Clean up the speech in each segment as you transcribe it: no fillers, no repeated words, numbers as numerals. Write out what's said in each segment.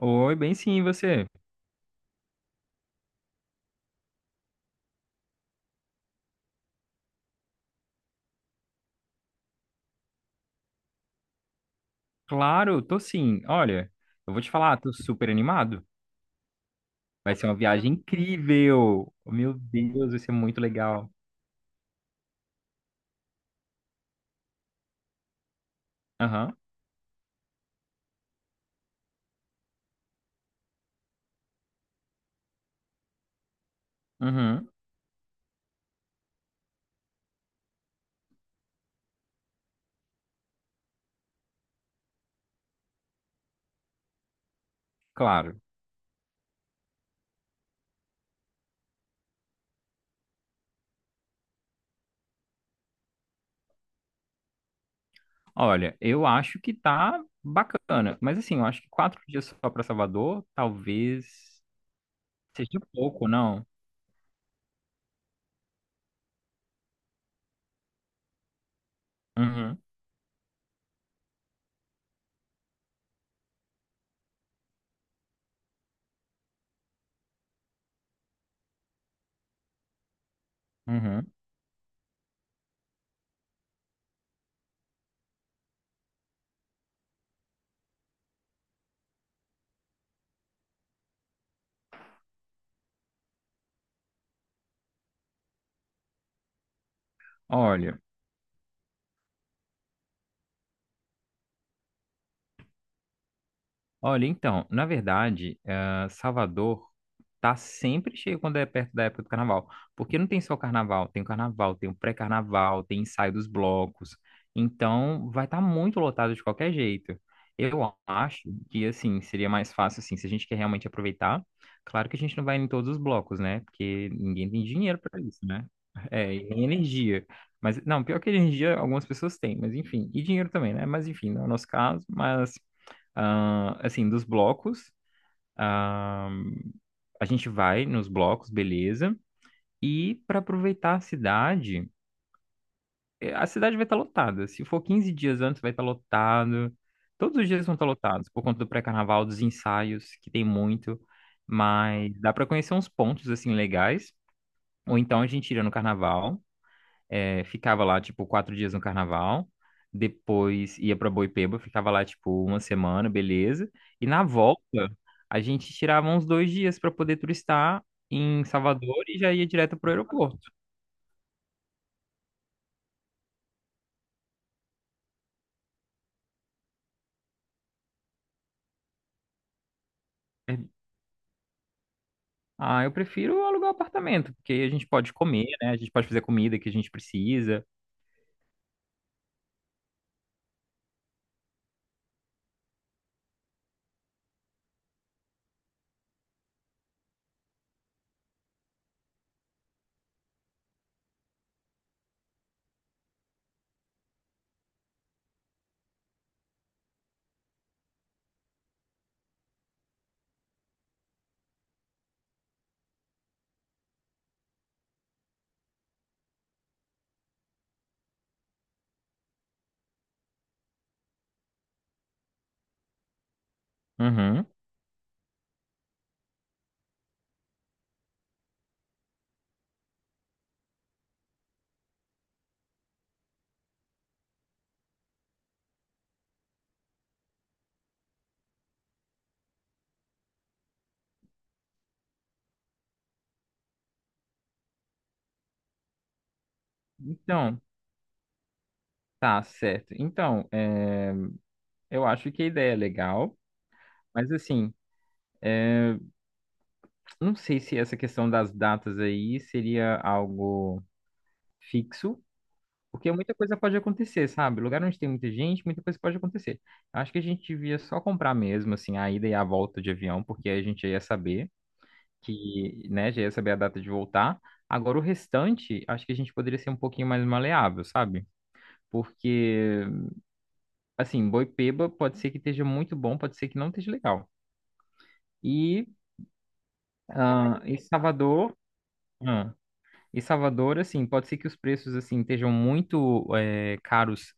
Oi, bem sim, e você? Claro, tô sim. Olha, eu vou te falar, tô super animado. Vai ser uma viagem incrível. Meu Deus, vai ser muito legal. Aham, uhum, claro. Olha, eu acho que tá bacana, mas assim, eu acho que 4 dias só pra Salvador, talvez seja pouco, não? Uhum, uhum. Olha. Olha, então, na verdade, Salvador tá sempre cheio quando é perto da época do carnaval. Porque não tem só o carnaval, tem o carnaval, tem o pré-carnaval, tem ensaio dos blocos. Então, vai estar muito lotado de qualquer jeito. Eu acho que, assim, seria mais fácil, assim, se a gente quer realmente aproveitar. Claro que a gente não vai em todos os blocos, né? Porque ninguém tem dinheiro para isso, né? É, e nem energia. Mas, não, pior que energia, algumas pessoas têm, mas enfim. E dinheiro também, né? Mas enfim, não é o nosso caso, mas. Ah, assim, dos blocos, ah, a gente vai nos blocos, beleza. E para aproveitar a cidade, a cidade vai estar lotada. Se for 15 dias antes, vai estar lotado. Todos os dias vão estar lotados por conta do pré-carnaval, dos ensaios, que tem muito. Mas dá para conhecer uns pontos assim legais. Ou então a gente iria no carnaval. É, ficava lá, tipo, 4 dias no carnaval. Depois ia pra Boipeba, ficava lá, tipo, uma semana, beleza. E na volta, a gente tirava uns 2 dias pra poder turistar em Salvador e já ia direto pro aeroporto. É, ah, eu prefiro alugar apartamento, porque aí a gente pode comer, né? A gente pode fazer a comida que a gente precisa. Uhum. Então, tá certo. Então, eu acho que a ideia é legal, mas assim, não sei se essa questão das datas aí seria algo fixo, porque muita coisa pode acontecer, sabe? Lugar onde tem muita gente, muita coisa pode acontecer. Eu acho que a gente devia só comprar mesmo, assim, a ida e a volta de avião, porque aí a gente já ia saber que, né, já ia saber a data de voltar. Agora, o restante, acho que a gente poderia ser um pouquinho mais maleável, sabe? Porque, assim, Boipeba pode ser que esteja muito bom, pode ser que não esteja legal. E, e Salvador, ah, Salvador, assim, pode ser que os preços, assim, estejam muito, caros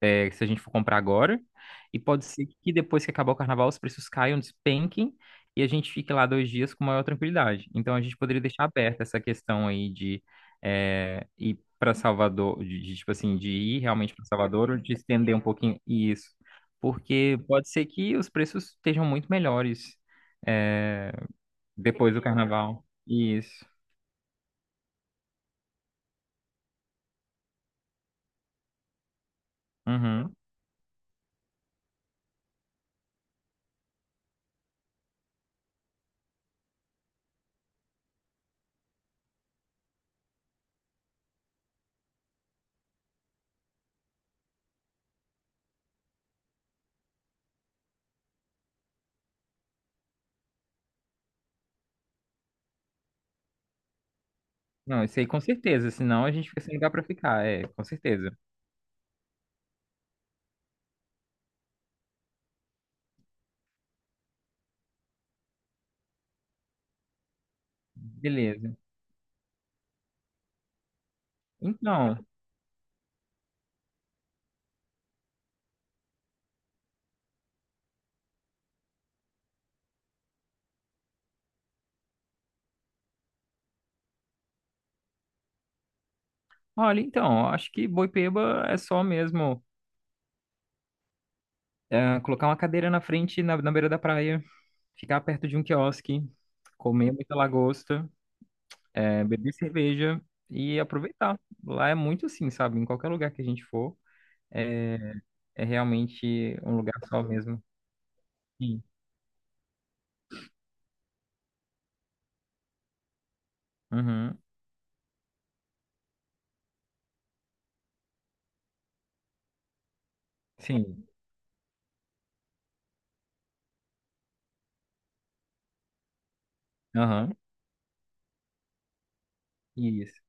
se a gente for comprar agora. E pode ser que depois que acabar o carnaval, os preços caiam, despenquem, e a gente fique lá 2 dias com maior tranquilidade. Então a gente poderia deixar aberta essa questão aí de ir para Salvador, de, tipo assim, de ir realmente para Salvador ou de estender um pouquinho isso. Porque pode ser que os preços estejam muito melhores é, depois do carnaval. Isso. Uhum. Não, isso aí com certeza, senão a gente fica sem lugar para ficar, com certeza. Beleza. Então, olha, então, acho que Boipeba é só mesmo colocar uma cadeira na frente, na beira da praia, ficar perto de um quiosque, comer muita lagosta, beber cerveja e aproveitar. Lá é muito assim, sabe? Em qualquer lugar que a gente for, é, é realmente um lugar só mesmo. Sim. Uhum. Sim. Aham. Isso.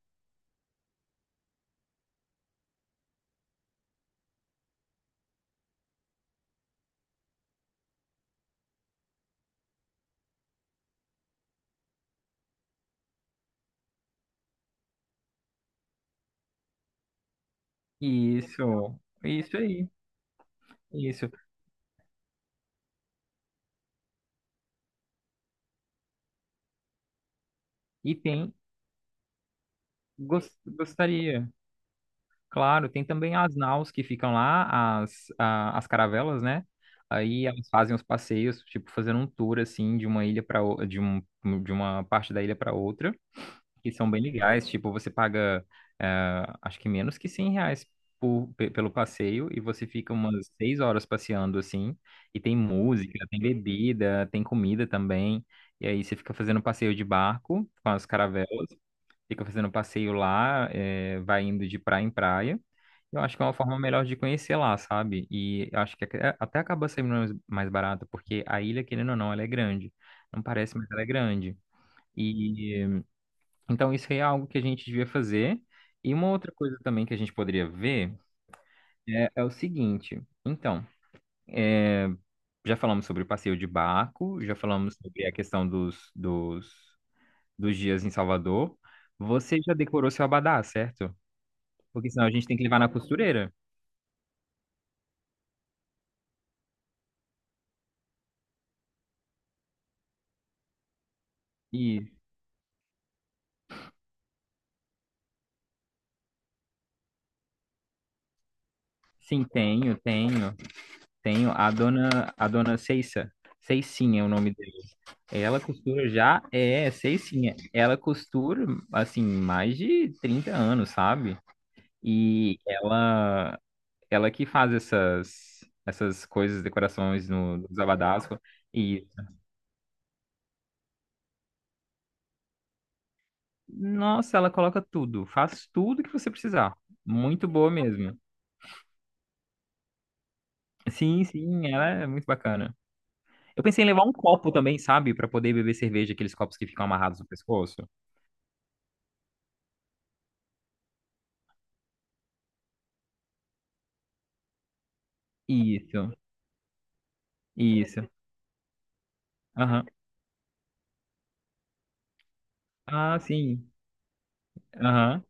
Isso. Isso aí. Isso. E tem. Gostaria. Claro, tem também as naus que ficam lá, as caravelas, né? Aí elas fazem os passeios, tipo, fazendo um tour assim de uma ilha para de um, de uma parte da ilha para outra, que são bem legais. Tipo, você paga, acho que menos que R$ 100 pelo passeio e você fica umas 6 horas passeando assim. E tem música, tem bebida, tem comida também. E aí você fica fazendo passeio de barco com as caravelas, fica fazendo passeio lá, vai indo de praia em praia. Eu acho que é uma forma melhor de conhecer lá, sabe? E eu acho que até acaba sendo mais barato, porque a ilha, querendo ou não, ela é grande. Não parece, mas ela é grande. E então isso aí é algo que a gente devia fazer. E uma outra coisa também que a gente poderia ver é o seguinte. Então, eh, já falamos sobre o passeio de barco, já falamos sobre a questão dos dias em Salvador. Você já decorou seu abadá, certo? Porque senão a gente tem que levar na costureira. E sim, tenho, tenho, tenho. A dona Ceissa. Ceicinha é o nome dela. Ela costura já, Ceicinha. Ela costura, assim, mais de 30 anos, sabe? E ela que faz essas coisas, decorações no, nos abadás. E, nossa, ela coloca tudo. Faz tudo que você precisar. Muito boa mesmo. Sim, sim, ela é muito bacana. Eu pensei em levar um copo também, sabe? Pra poder beber cerveja, aqueles copos que ficam amarrados no pescoço. Isso, isso. Aham. Ah, sim. Aham.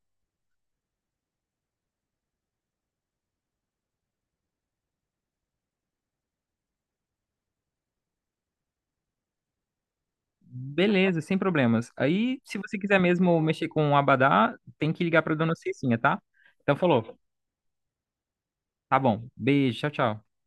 Beleza, sem problemas. Aí, se você quiser mesmo mexer com o abadá, tem que ligar pra dona Cecinha, tá? Então, falou. Tá bom. Beijo, tchau, tchau.